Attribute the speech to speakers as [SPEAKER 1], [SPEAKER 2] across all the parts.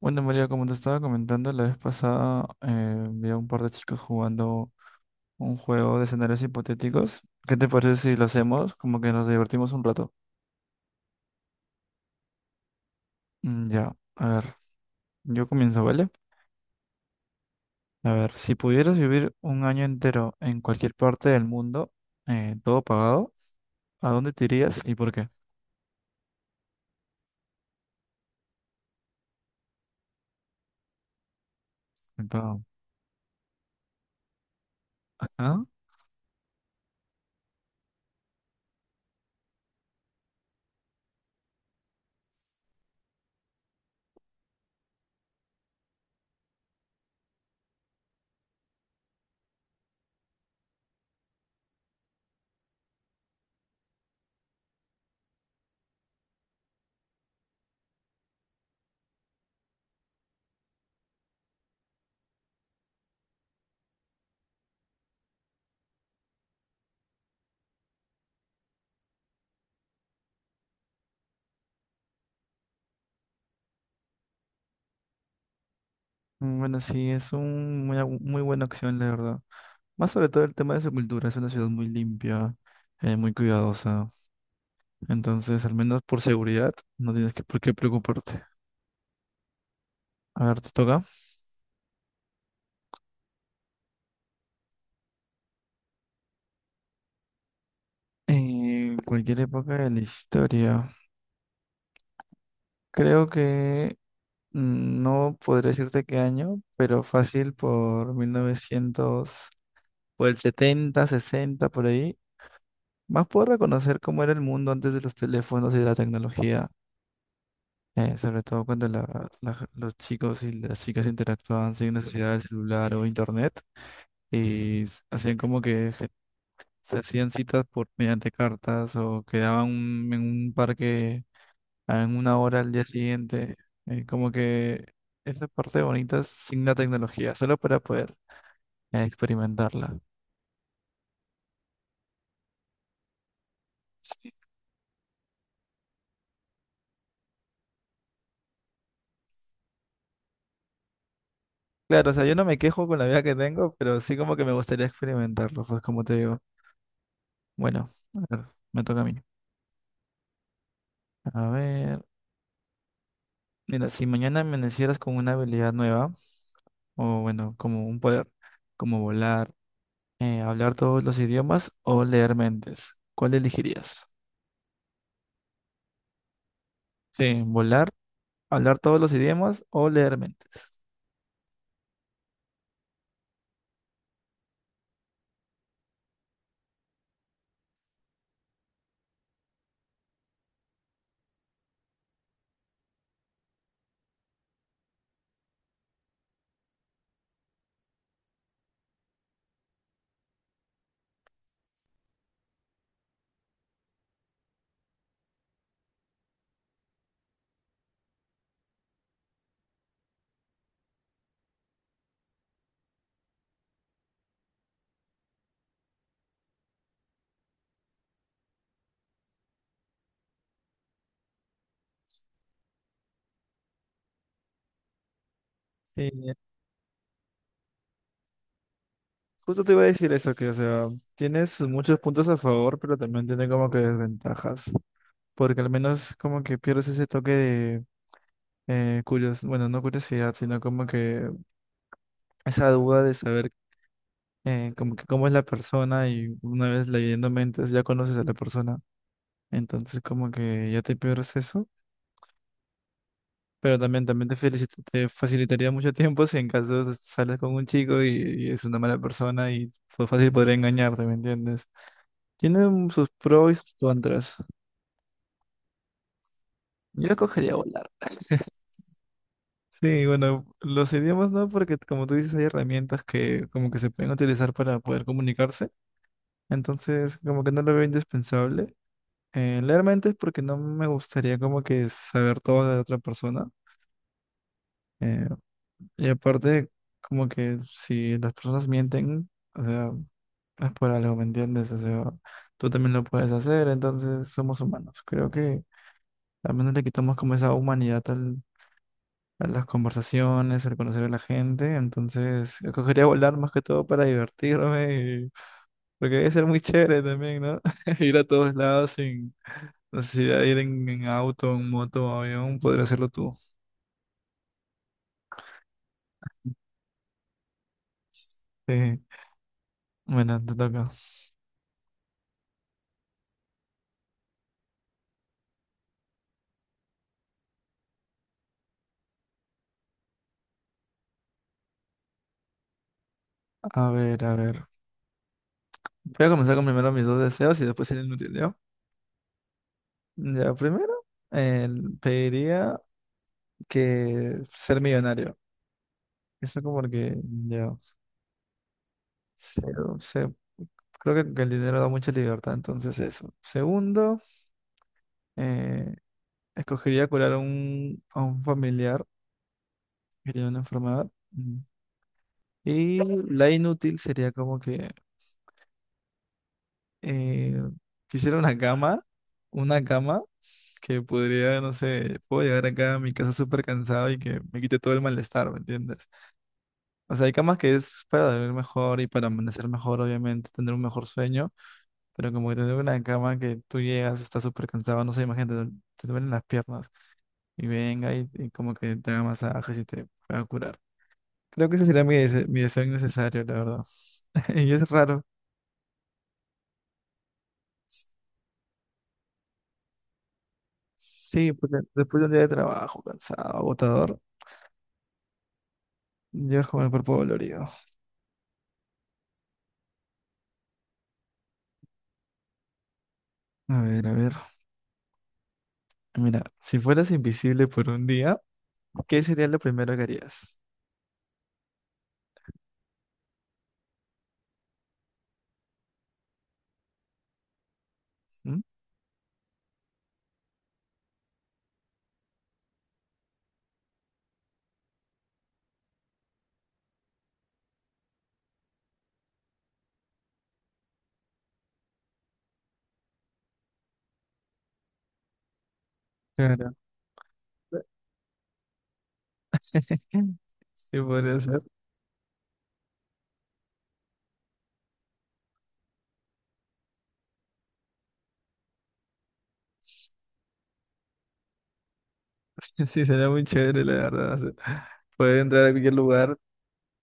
[SPEAKER 1] Bueno, María, como te estaba comentando la vez pasada, vi a un par de chicos jugando un juego de escenarios hipotéticos. ¿Qué te parece si lo hacemos? Como que nos divertimos un rato. Mm, ya, a ver, yo comienzo, ¿vale? A ver, si pudieras vivir un año entero en cualquier parte del mundo, todo pagado, ¿a dónde te irías y por qué? Bien pagado. ¿Ah? Mm. Bueno, sí, es un, muy, bu- muy buena opción, la verdad. Más sobre todo el tema de su cultura, es una ciudad muy limpia, muy cuidadosa. Entonces, al menos por seguridad, no tienes que por qué preocuparte. A ver, te toca. En cualquier época de la historia. Creo que no podré decirte qué año, pero fácil por 1900, por el 70, 60, por ahí. Más puedo reconocer cómo era el mundo antes de los teléfonos y de la tecnología. Sobre todo cuando los chicos y las chicas interactuaban sin necesidad del celular o internet, y hacían como que se hacían citas por mediante cartas o quedaban en un parque en una hora al día siguiente. Como que esa parte bonita sin la tecnología, solo para poder experimentarla. Sí. Claro, o sea, yo no me quejo con la vida que tengo, pero sí como que me gustaría experimentarlo, pues como te digo. Bueno, a ver, me toca a mí. A ver, mira, si mañana amanecieras con una habilidad nueva, o bueno, como un poder, como volar, ¿hablar todos los idiomas o leer mentes? ¿Cuál elegirías? Sí, volar, hablar todos los idiomas o leer mentes. Sí, justo te iba a decir eso, que, o sea, tienes muchos puntos a favor, pero también tiene como que desventajas, porque al menos como que pierdes ese toque de bueno, no curiosidad, sino como que esa duda de saber, como que cómo es la persona, y una vez leyendo mentes ya conoces a la persona, entonces como que ya te pierdes eso. Pero también te facilitaría mucho tiempo si en caso sales con un chico, y es una mala persona y fue fácil podría engañarte, ¿me entiendes? Tienen sus pros y sus contras. Yo escogería volar. Sí, bueno, los idiomas no, porque como tú dices, hay herramientas que como que se pueden utilizar para poder comunicarse. Entonces, como que no lo veo indispensable. Realmente es porque no me gustaría como que saber todo de la otra persona. Eh, Y aparte, como que si las personas mienten, o sea, es por algo, ¿me entiendes? O sea, tú también lo puedes hacer, entonces somos humanos. Creo que también le quitamos como esa humanidad a las conversaciones, al conocer a la gente. Entonces, escogería volar más que todo para divertirme, y- porque debe ser muy chévere también, ¿no? Ir a todos lados sin necesidad de ir en auto, en moto, o avión, podría hacerlo tú. Sí. Bueno, te toca. A ver, a ver. Voy a comenzar con primero mis dos deseos y después el inútil, ¿ya? Ya, primero, pediría que ser millonario. Eso como que, ya, se- se- creo que el dinero da mucha libertad, entonces eso. Segundo, eh, escogería curar a un familiar que tiene una enfermedad. Mm. Y la inútil sería como que eh, quisiera una cama que podría, no sé, puedo llegar acá a mi casa súper cansado y que me quite todo el malestar, ¿me entiendes? O sea, hay camas que es para dormir mejor y para amanecer mejor, obviamente, tener un mejor sueño, pero como que tener una cama que tú llegas, estás súper cansado, no sé, imagínate, te duelen las piernas y venga y como que te haga masajes y te pueda curar. Creo que ese sería mi deseo innecesario, la verdad. Y es raro. Sí, porque después de un día de trabajo cansado, agotador, llegas con el cuerpo dolorido. A ver, a ver. Mira, si fueras invisible por un día, ¿qué sería lo primero que harías? ¿Mm? Claro. Sí, podría ser. Sí, sería muy chévere, la verdad. O sea, poder entrar a cualquier lugar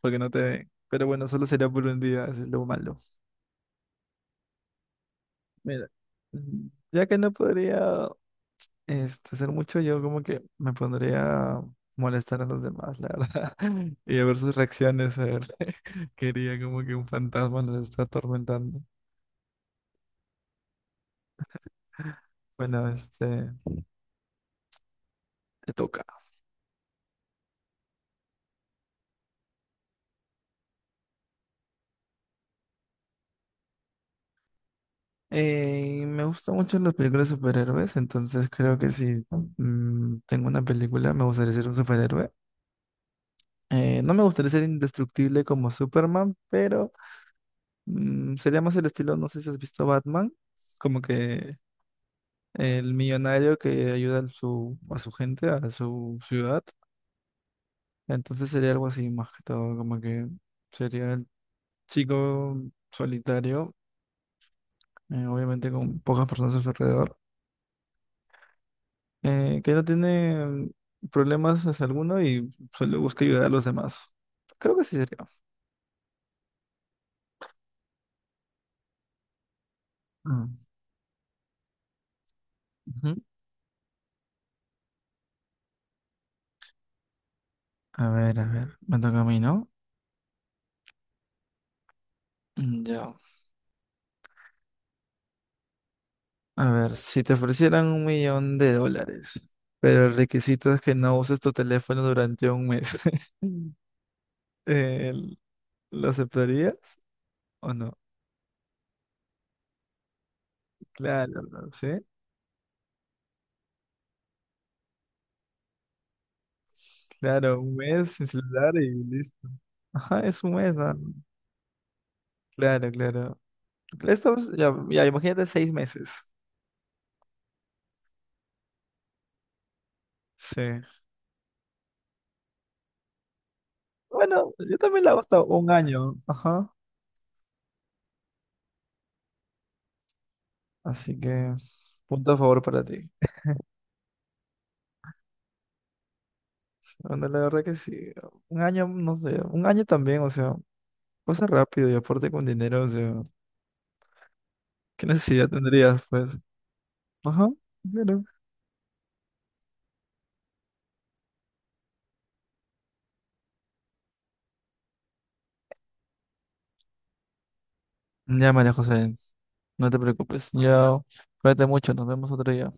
[SPEAKER 1] porque no te ven. Pero bueno, solo sería por un día, eso es lo malo. Mira, mm, ya que no podría hacer mucho, yo como que me pondría a molestar a los demás, la verdad. Y a ver sus reacciones, a ver. Quería como que un fantasma nos está atormentando. Bueno, te toca. Me gustan mucho las películas de superhéroes, entonces creo que si tengo una película me gustaría ser un superhéroe. No me gustaría ser indestructible como Superman, pero sería más el estilo, no sé si has visto Batman, como que el millonario que ayuda a su gente, a su ciudad. Entonces sería algo así más que todo, como que sería el chico solitario, obviamente con pocas personas a su alrededor, que no tiene problemas hacia alguno y solo busca ayudar a los demás. Creo que sí sería. Mm, ujú. A ver, me toca a mí, ¿no? Mm, ya. A ver, si te ofrecieran un millón de dólares, pero el requisito es que no uses tu teléfono durante un mes, Mm. eh, ¿Lo aceptarías o no? Claro, ¿no? ¿Sí? Claro, un mes sin celular y listo. Ajá, es un mes, ¿no? Claro, claro. Esto, ya, ya, imagínate 6 meses. Sí. Bueno, yo también la hago hasta un año. Ajá. Así que, punto a favor para ti. Bueno, la verdad que sí. Un año, no sé. Un año también, o sea, pasa rápido y aparte con dinero, o sea, ¿qué necesidad tendrías, pues? Ajá. Pero... Ya, María José, no te preocupes. Ya, cuídate mucho. Nos vemos otro día.